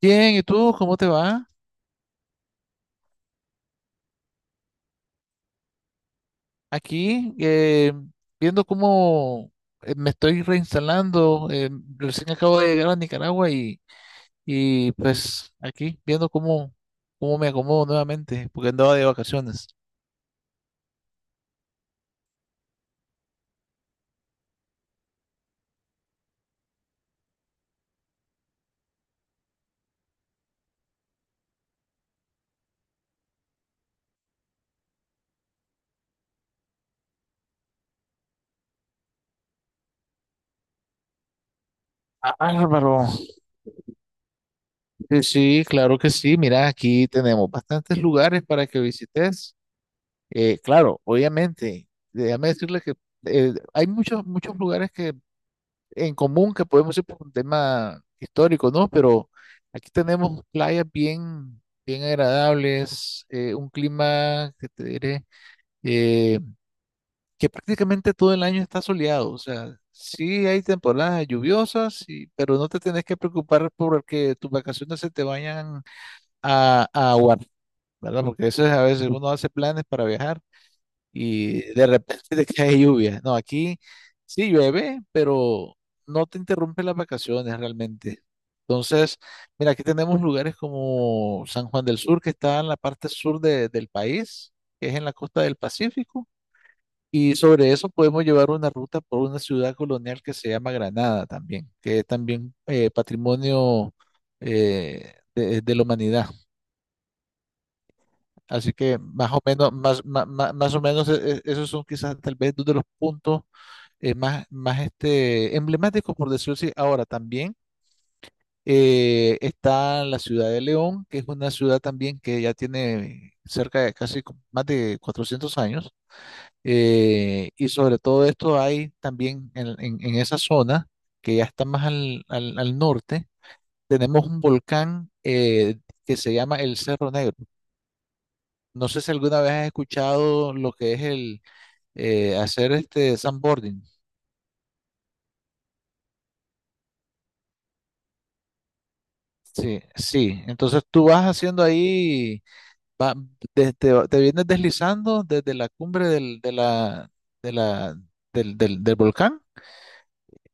Bien, ¿y tú cómo te va? Aquí, viendo cómo me estoy reinstalando, recién acabo de llegar a Nicaragua y pues aquí, viendo cómo, cómo me acomodo nuevamente, porque andaba de vacaciones. Ah, bárbaro. Sí, sí, claro que sí. Mira, aquí tenemos bastantes lugares para que visites. Claro, obviamente, déjame decirle que hay muchos lugares que en común que podemos ir por un tema histórico, ¿no? Pero aquí tenemos playas bien agradables, un clima que te diré, eh, que prácticamente todo el año está soleado, o sea, sí hay temporadas lluviosas, pero no te tenés que preocupar por que tus vacaciones se te vayan a aguar, ¿verdad? Porque eso es a veces uno hace planes para viajar y de repente te cae lluvia. No, aquí sí llueve, pero no te interrumpe las vacaciones realmente. Entonces, mira, aquí tenemos lugares como San Juan del Sur, que está en la parte del país, que es en la costa del Pacífico, y sobre eso podemos llevar una ruta por una ciudad colonial que se llama Granada también, que es también patrimonio de la humanidad. Así que más o menos, más o menos, esos son quizás tal vez dos de los puntos más, más este, emblemático, por decirlo así. Ahora también está la ciudad de León, que es una ciudad también que ya tiene cerca de más de 400 años. Y sobre todo esto hay también en esa zona, que ya está más al norte, tenemos un volcán que se llama el Cerro Negro. No sé si alguna vez has escuchado lo que es el hacer este sandboarding. Sí, sí. Entonces tú vas haciendo ahí, va- te vienes deslizando desde la cumbre del, de la, del, del, del volcán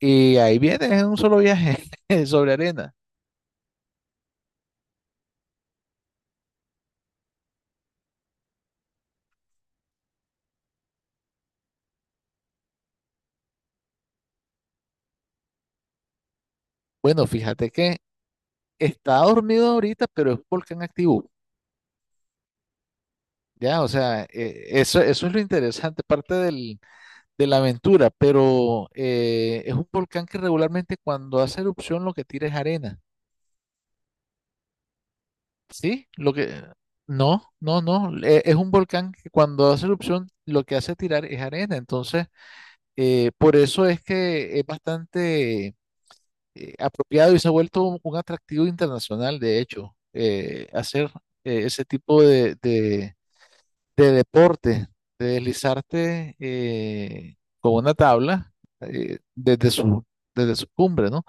y ahí vienes en un solo viaje sobre arena. Bueno, fíjate que está dormido ahorita, pero es volcán activo. Ya, o sea, eso es lo interesante, parte de la aventura, pero es un volcán que regularmente cuando hace erupción lo que tira es arena. Sí, lo que... No, no, no. Es un volcán que cuando hace erupción lo que hace tirar es arena. Entonces, por eso es que es bastante apropiado y se ha vuelto un atractivo internacional, de hecho, hacer ese tipo de deporte, de deslizarte con una tabla eh, desde su, desde su cumbre, ¿no?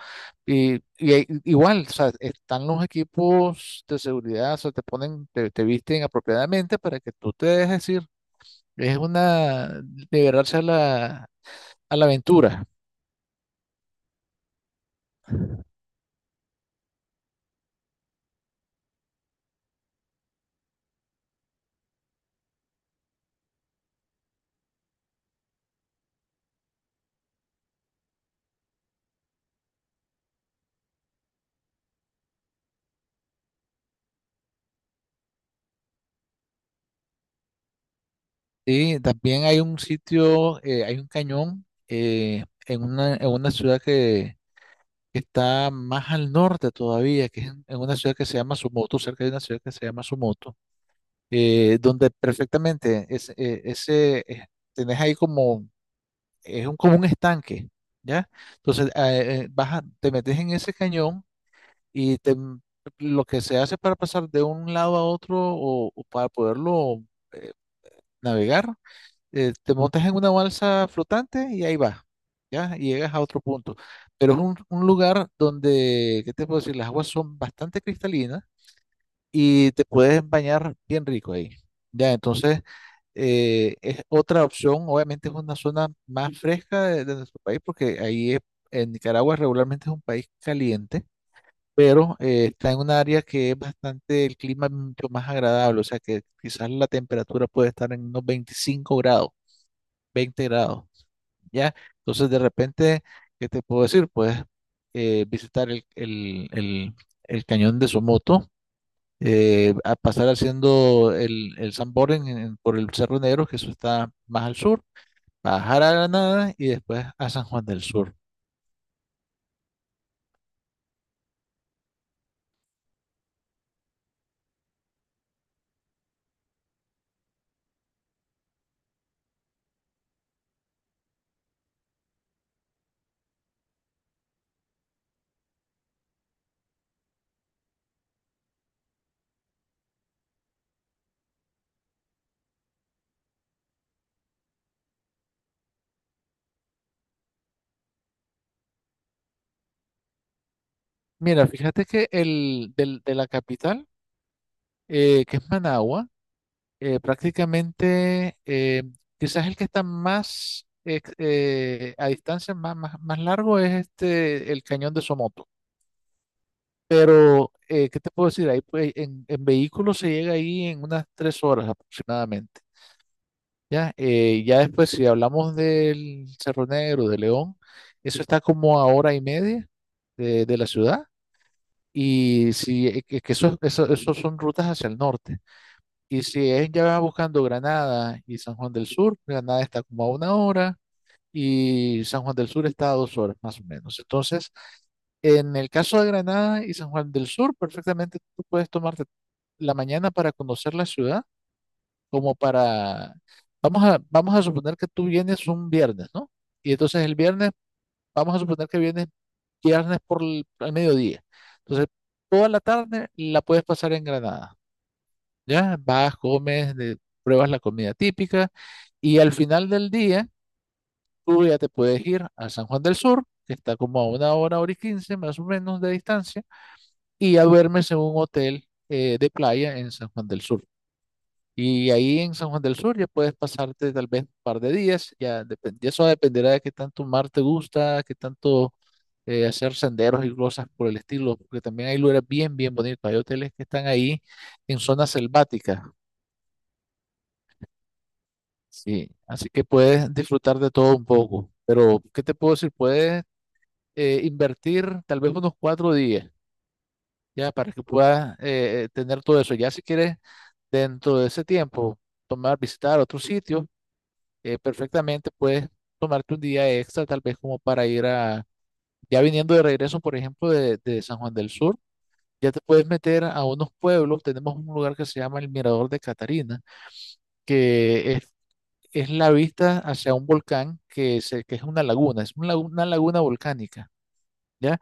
Y hay- igual, o sea, están los equipos de seguridad, o sea, te ponen, te visten apropiadamente para que tú te dejes ir. Es una, liberarse a la aventura. Y también hay un sitio, hay un cañón en una ciudad que está más al norte todavía, que es en una ciudad que se llama Sumoto, cerca de una ciudad que se llama Sumoto, donde perfectamente es, tenés ahí como, es un, como un estanque, ¿ya? Entonces, te metes en ese cañón y te, lo que se hace para pasar de un lado a otro o para poderlo eh, navegar te montas en una balsa flotante y ahí vas, ¿ya? Y llegas a otro punto. Pero es un lugar donde, ¿qué te puedo decir? Las aguas son bastante cristalinas y te puedes bañar bien rico ahí, ¿ya? Entonces, es otra opción. Obviamente es una zona más fresca de nuestro país porque en Nicaragua regularmente es un país caliente. Pero está en un área que es bastante, el clima es mucho más agradable, o sea que quizás la temperatura puede estar en unos 25 grados. 20 grados, ¿ya? Entonces, de repente, ¿qué te puedo decir? Puedes visitar el cañón de Somoto, a pasar haciendo el sandboarding por el Cerro Negro, que eso está más al sur, bajar a Granada y después a San Juan del Sur. Mira, fíjate que de la capital, que es Managua, prácticamente, quizás el que está a distancia, más largo, es este, el cañón de Somoto. Pero, ¿qué te puedo decir? Ahí, pues, en vehículo se llega ahí en unas 3 horas aproximadamente. Ya, eh, ya después, si hablamos del Cerro Negro, de León, eso está como a hora y media de la ciudad. Y si, que eso son rutas hacia el norte. Y si es ya buscando Granada y San Juan del Sur, Granada está como a una hora y San Juan del Sur está a 2 horas más o menos. Entonces, en el caso de Granada y San Juan del Sur, perfectamente tú puedes tomarte la mañana para conocer la ciudad, como para, vamos a suponer que tú vienes un viernes, ¿no? Y entonces el viernes, vamos a suponer que vienes viernes al mediodía. Entonces, toda la tarde la puedes pasar en Granada. Ya vas, comes, pruebas la comida típica y al final del día tú ya te puedes ir a San Juan del Sur, que está como a una hora, hora y quince más o menos de distancia, y ya duermes en un hotel de playa en San Juan del Sur. Y ahí en San Juan del Sur ya puedes pasarte tal vez un par de días, ya ya eso dependerá de qué tanto mar te gusta, qué tanto hacer senderos y cosas por el estilo, porque también hay lugares bien bonitos, hay hoteles que están ahí en zonas selváticas. Sí, así que puedes disfrutar de todo un poco, pero ¿qué te puedo decir? Puedes invertir tal vez unos 4 días, ya para que puedas tener todo eso. Ya si quieres, dentro de ese tiempo, tomar, visitar otro sitio, perfectamente puedes tomarte un día extra, tal vez como para ir a, ya viniendo de regreso, por ejemplo, de San Juan del Sur, ya te puedes meter a unos pueblos. Tenemos un lugar que se llama el Mirador de Catarina, que es la vista hacia un volcán que es una laguna, es una, una laguna volcánica, ¿ya?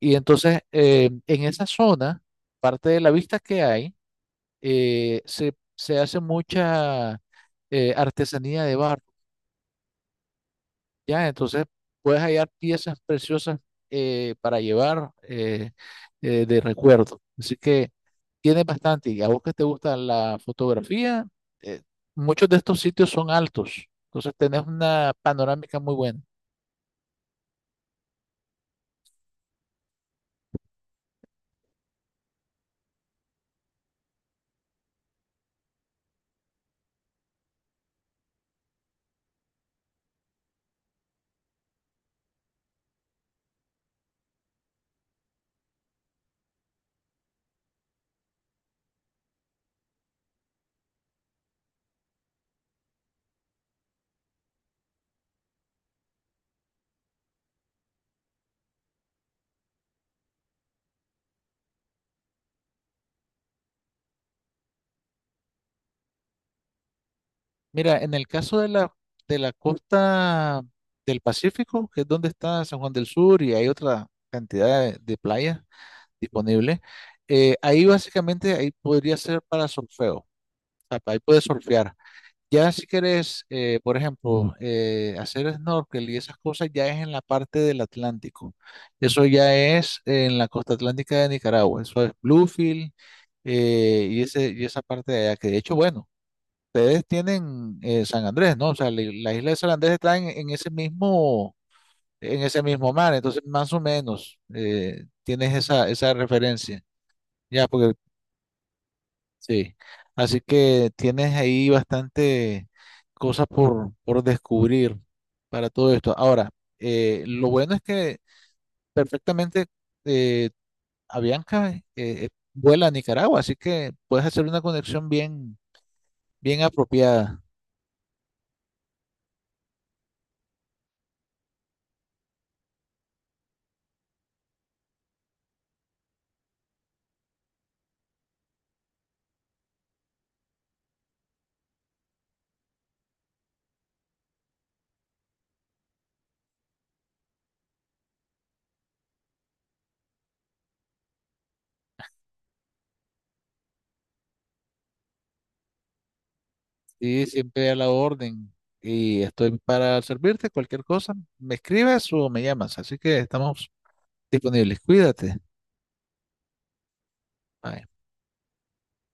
Y entonces en esa zona, parte de la vista que hay, se hace mucha artesanía de barro, ¿ya? Entonces puedes hallar piezas preciosas para llevar de recuerdo. Así que tiene bastante. Y a vos que te gusta la fotografía, eh, muchos de estos sitios son altos. Entonces tenés una panorámica muy buena. Mira, en el caso de la costa del Pacífico, que es donde está San Juan del Sur y hay otra cantidad de playas disponibles, ahí básicamente ahí podría ser para surfeo, o sea, ahí puedes surfear. Ya si quieres, por ejemplo, hacer snorkel y esas cosas, ya es en la parte del Atlántico. Eso ya es en la costa atlántica de Nicaragua, eso es Bluefield y esa parte de allá, que de hecho, bueno ustedes tienen San Andrés, ¿no? O sea, la isla de San Andrés está en ese mismo mar, entonces más o menos tienes esa referencia, ya, porque sí, así que tienes ahí bastante cosas por descubrir para todo esto. Ahora, lo bueno es que perfectamente eh, Avianca vuela a Nicaragua, así que puedes hacer una conexión bien apropiada. Y siempre a la orden. Y estoy para servirte cualquier cosa. Me escribes o me llamas. Así que estamos disponibles. Cuídate. Bye.